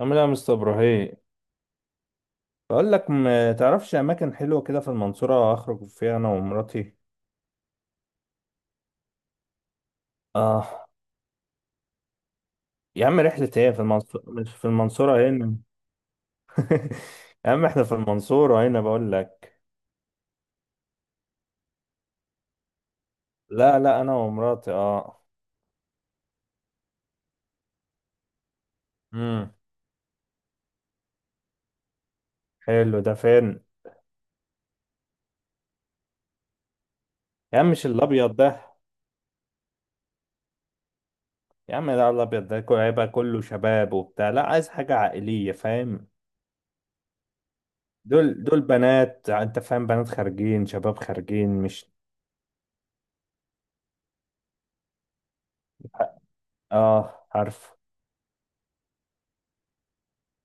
عامل ايه يا مستر ابراهيم؟ بقول لك ما تعرفش اماكن حلوه كده في المنصوره اخرج فيها انا ومراتي؟ اه. يا عم رحله ايه في المنصوره؟ مش في المنصوره هنا. يا عم احنا في المنصوره هنا بقول لك. لا، لا، انا ومراتي. اه. امم. حلو. ده فين؟ يا عم مش الابيض ده؟ يا عم لا، الابيض ده هيبقى كله شباب وبتاع. لا، عايز حاجه عائليه، فاهم؟ دول بنات، انت فاهم؟ بنات خارجين، شباب خارجين، مش... اه، عارف.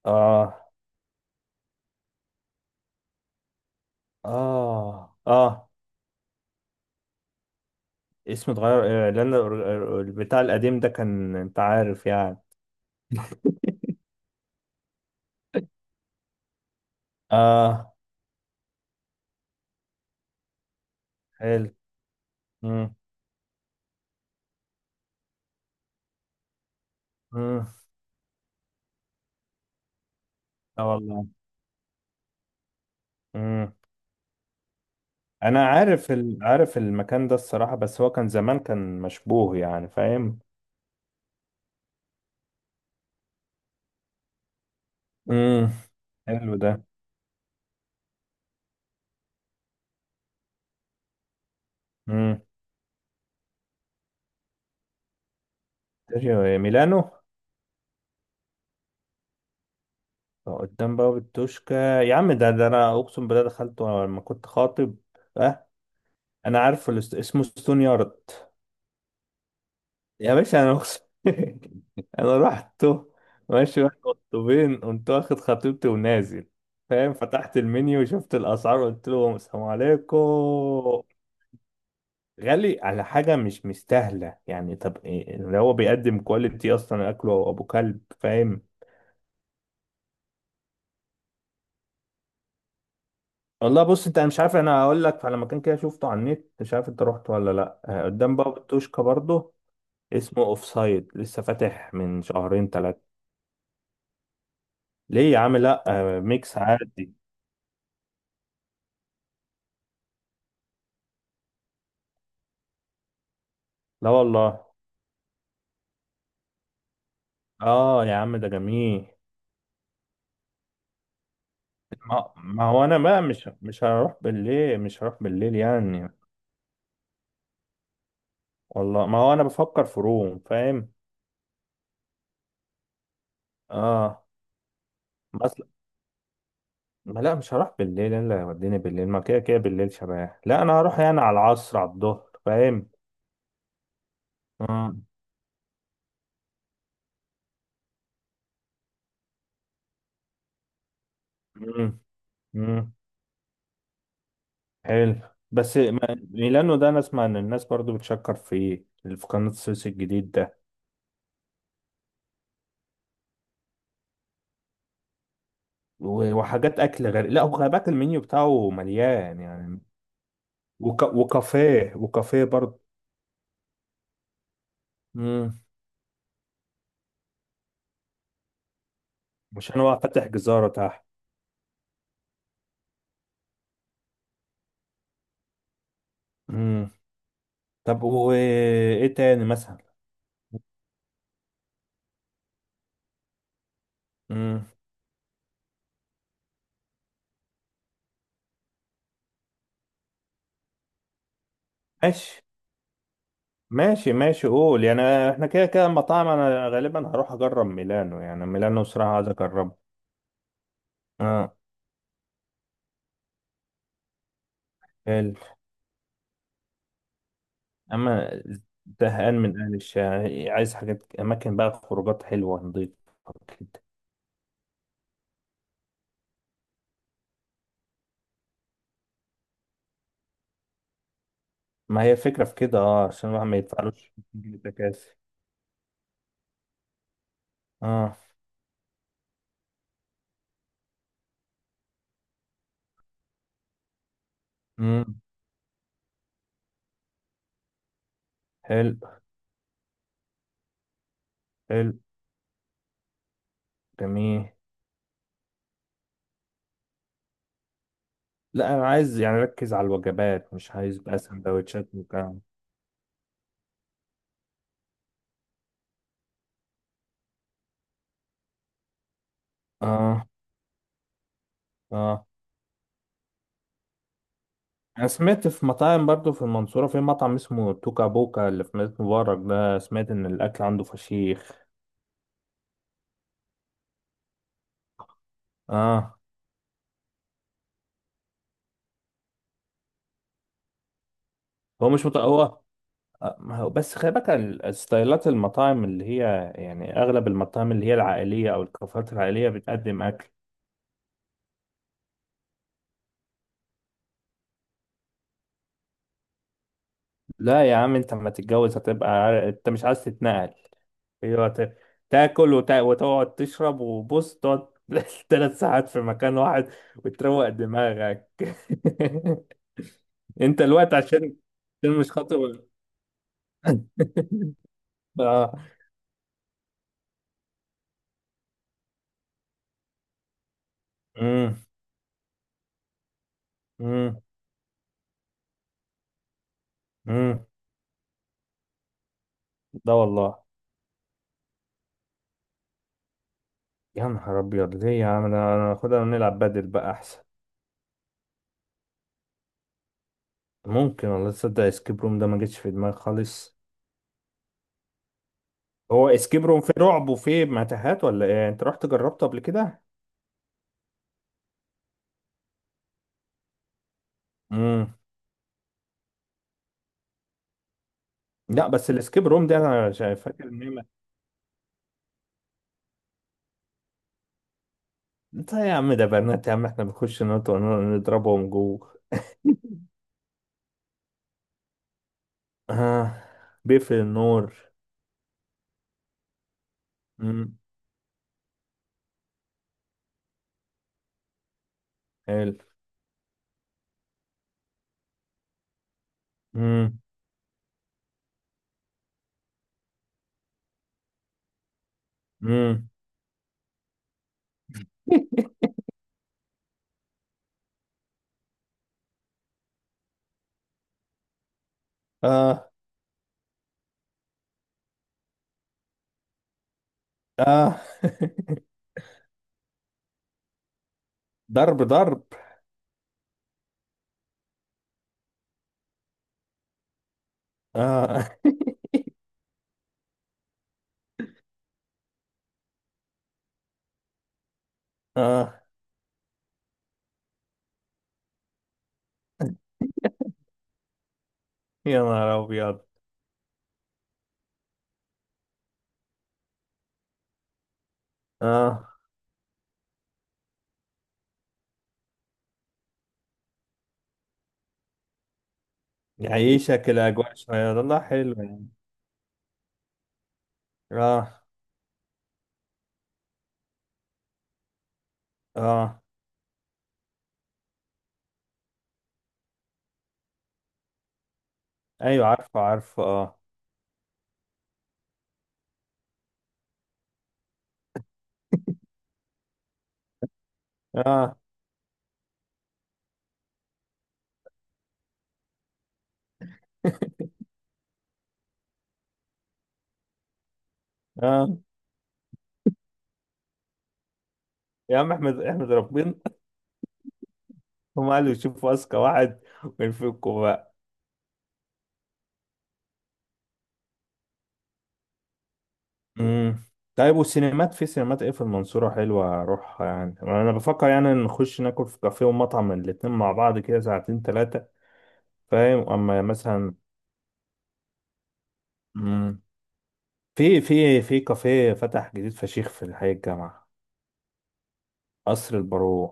اه، اه، اه. اسمه اتغير. لان البتاع القديم ده كان، انت عارف يعني. اه. حلو. امم، امم. اه، والله. امم. انا عارف عارف المكان ده الصراحة، بس هو كان زمان كان مشبوه يعني، فاهم؟ امم. حلو ده. امم. تيريو ميلانو. قدام باب التوشكا يا عم، ده انا اقسم بالله دخلته وانا لما كنت خاطب. اه. انا عارفه اسمه ستون يارد. يا باشا، انا اقسم. انا رحت. ماشي، واحد قطبين، قمت واخد خطيبتي ونازل. فاهم؟ فتحت المنيو وشفت الاسعار، قلت لهم السلام عليكم. غالي على حاجه مش مستاهله يعني. طب إيه اللي هو بيقدم؟ كواليتي؟ اصلا اكله ابو كلب، فاهم؟ والله بص انت، أنا مش عارف، انا هقول لك على مكان كده شفته على النت، مش عارف انت رحت ولا لا. قدام باب التوشكا برضه. اسمه اوف سايد، لسه فاتح من شهرين ثلاثه. ليه يا عم؟ لا. ميكس عادي. لا والله. اه يا عم، ده جميل. ما هو انا بقى مش هروح بالليل، مش هروح بالليل يعني. والله ما هو انا بفكر في روم، فاهم؟ اه. مثلا. ما لا، مش هروح بالليل الا يوديني بالليل. ما كده كده بالليل شباب، لا انا هروح يعني على العصر، على الظهر، فاهم؟ اه. امم، امم. حلو. بس ميلانو ده انا اسمع ان الناس برضو بتشكر فيه، اللي في قناة السويس الجديد ده. و- وحاجات اكل غير. لا، وخلي بالك المنيو بتاعه مليان يعني. وكافيه برضو. مش انا بقى فاتح جزارة تحت. امم. طب وايه تاني مثلا؟ امم. ماشي، ماشي، ماشي، قول يعني. احنا كده كده المطاعم، انا غالبا هروح اجرب ميلانو، يعني ميلانو بصراحة عايز اجربه. اه. حلو. اما، زهقان من اهل الشارع، عايز حاجات، اماكن بقى، خروجات حلوة نضيفة، كده. ما هي الفكرة في كده، اه، عشان الواحد ما يدفعلوش. تكاسي. اه. امم. حلو، حلو. جميل. لا، انا عايز يعني اركز على الوجبات، مش عايز بقى سندوتشات والكلام. اه، اه. انا سمعت في مطاعم برضو في المنصورة. في مطعم اسمه توكا بوكا اللي في مدينة مبارك ده، سمعت ان الاكل عنده فشيخ. اه. هو مش هو... ما هو بس خلي بالك الستايلات، المطاعم اللي هي يعني اغلب المطاعم اللي هي العائلية او الكافيهات العائلية بتقدم اكل. لا يا عم، انت لما تتجوز هتبقى انت مش عايز تتنقل. ايوه، تاكل وتقعد تشرب، وبص تقعد 3 ساعات في مكان واحد. وتروق دماغك. انت الوقت عشان، عشان مش خاطر. اه. امم، امم، امم. ده والله. يا نهار ابيض، ليه يا عم؟ انا خدها نلعب بدل بقى احسن. ممكن والله، تصدق اسكيب روم ده ما جتش في دماغي خالص؟ هو اسكيب روم فيه رعب وفيه متاهات ولا ايه يعني؟ انت رحت جربته قبل كده؟ امم. لا بس السكيب روم ده، انا شايف فاكر ان هي انت يا عم، ده بنات يا عم، احنا بنخش نضربهم جوه. آه. بيقفل النور. امم. حلو. امم، امم. اه، اه. ضرب، ضرب؟ اه، اه. يا نهار ابيض. اه. يعيشك الاجواء شويه، والله حلو يعني. اه، اه. ايوه، عارفه، عارفه، اه. اه، اه. يا عم، احمد احمد ربنا. هم قالوا يشوفوا اذكى واحد، وينفكوا بقى. امم. طيب، والسينمات؟ في سينمات ايه في المنصورة حلوة اروحها يعني؟ انا بفكر يعني نخش ناكل في كافيه ومطعم الاتنين مع بعض كده ساعتين ثلاثة. فاهم؟ اما مثلا. امم. في كافيه فتح جديد فشيخ في الحي الجامعة. قصر البارون.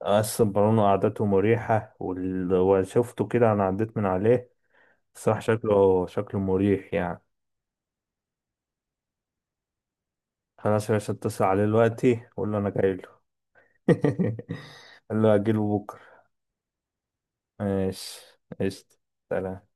قصر البارون وقعدته مريحة، وشفته كده، انا عديت من عليه. الصراحة، شكله مريح يعني. خلاص يا باشا، اتصل عليه دلوقتي، قول له انا جاي. قال له أجيله بكرة. ماشي قشطة. سلام.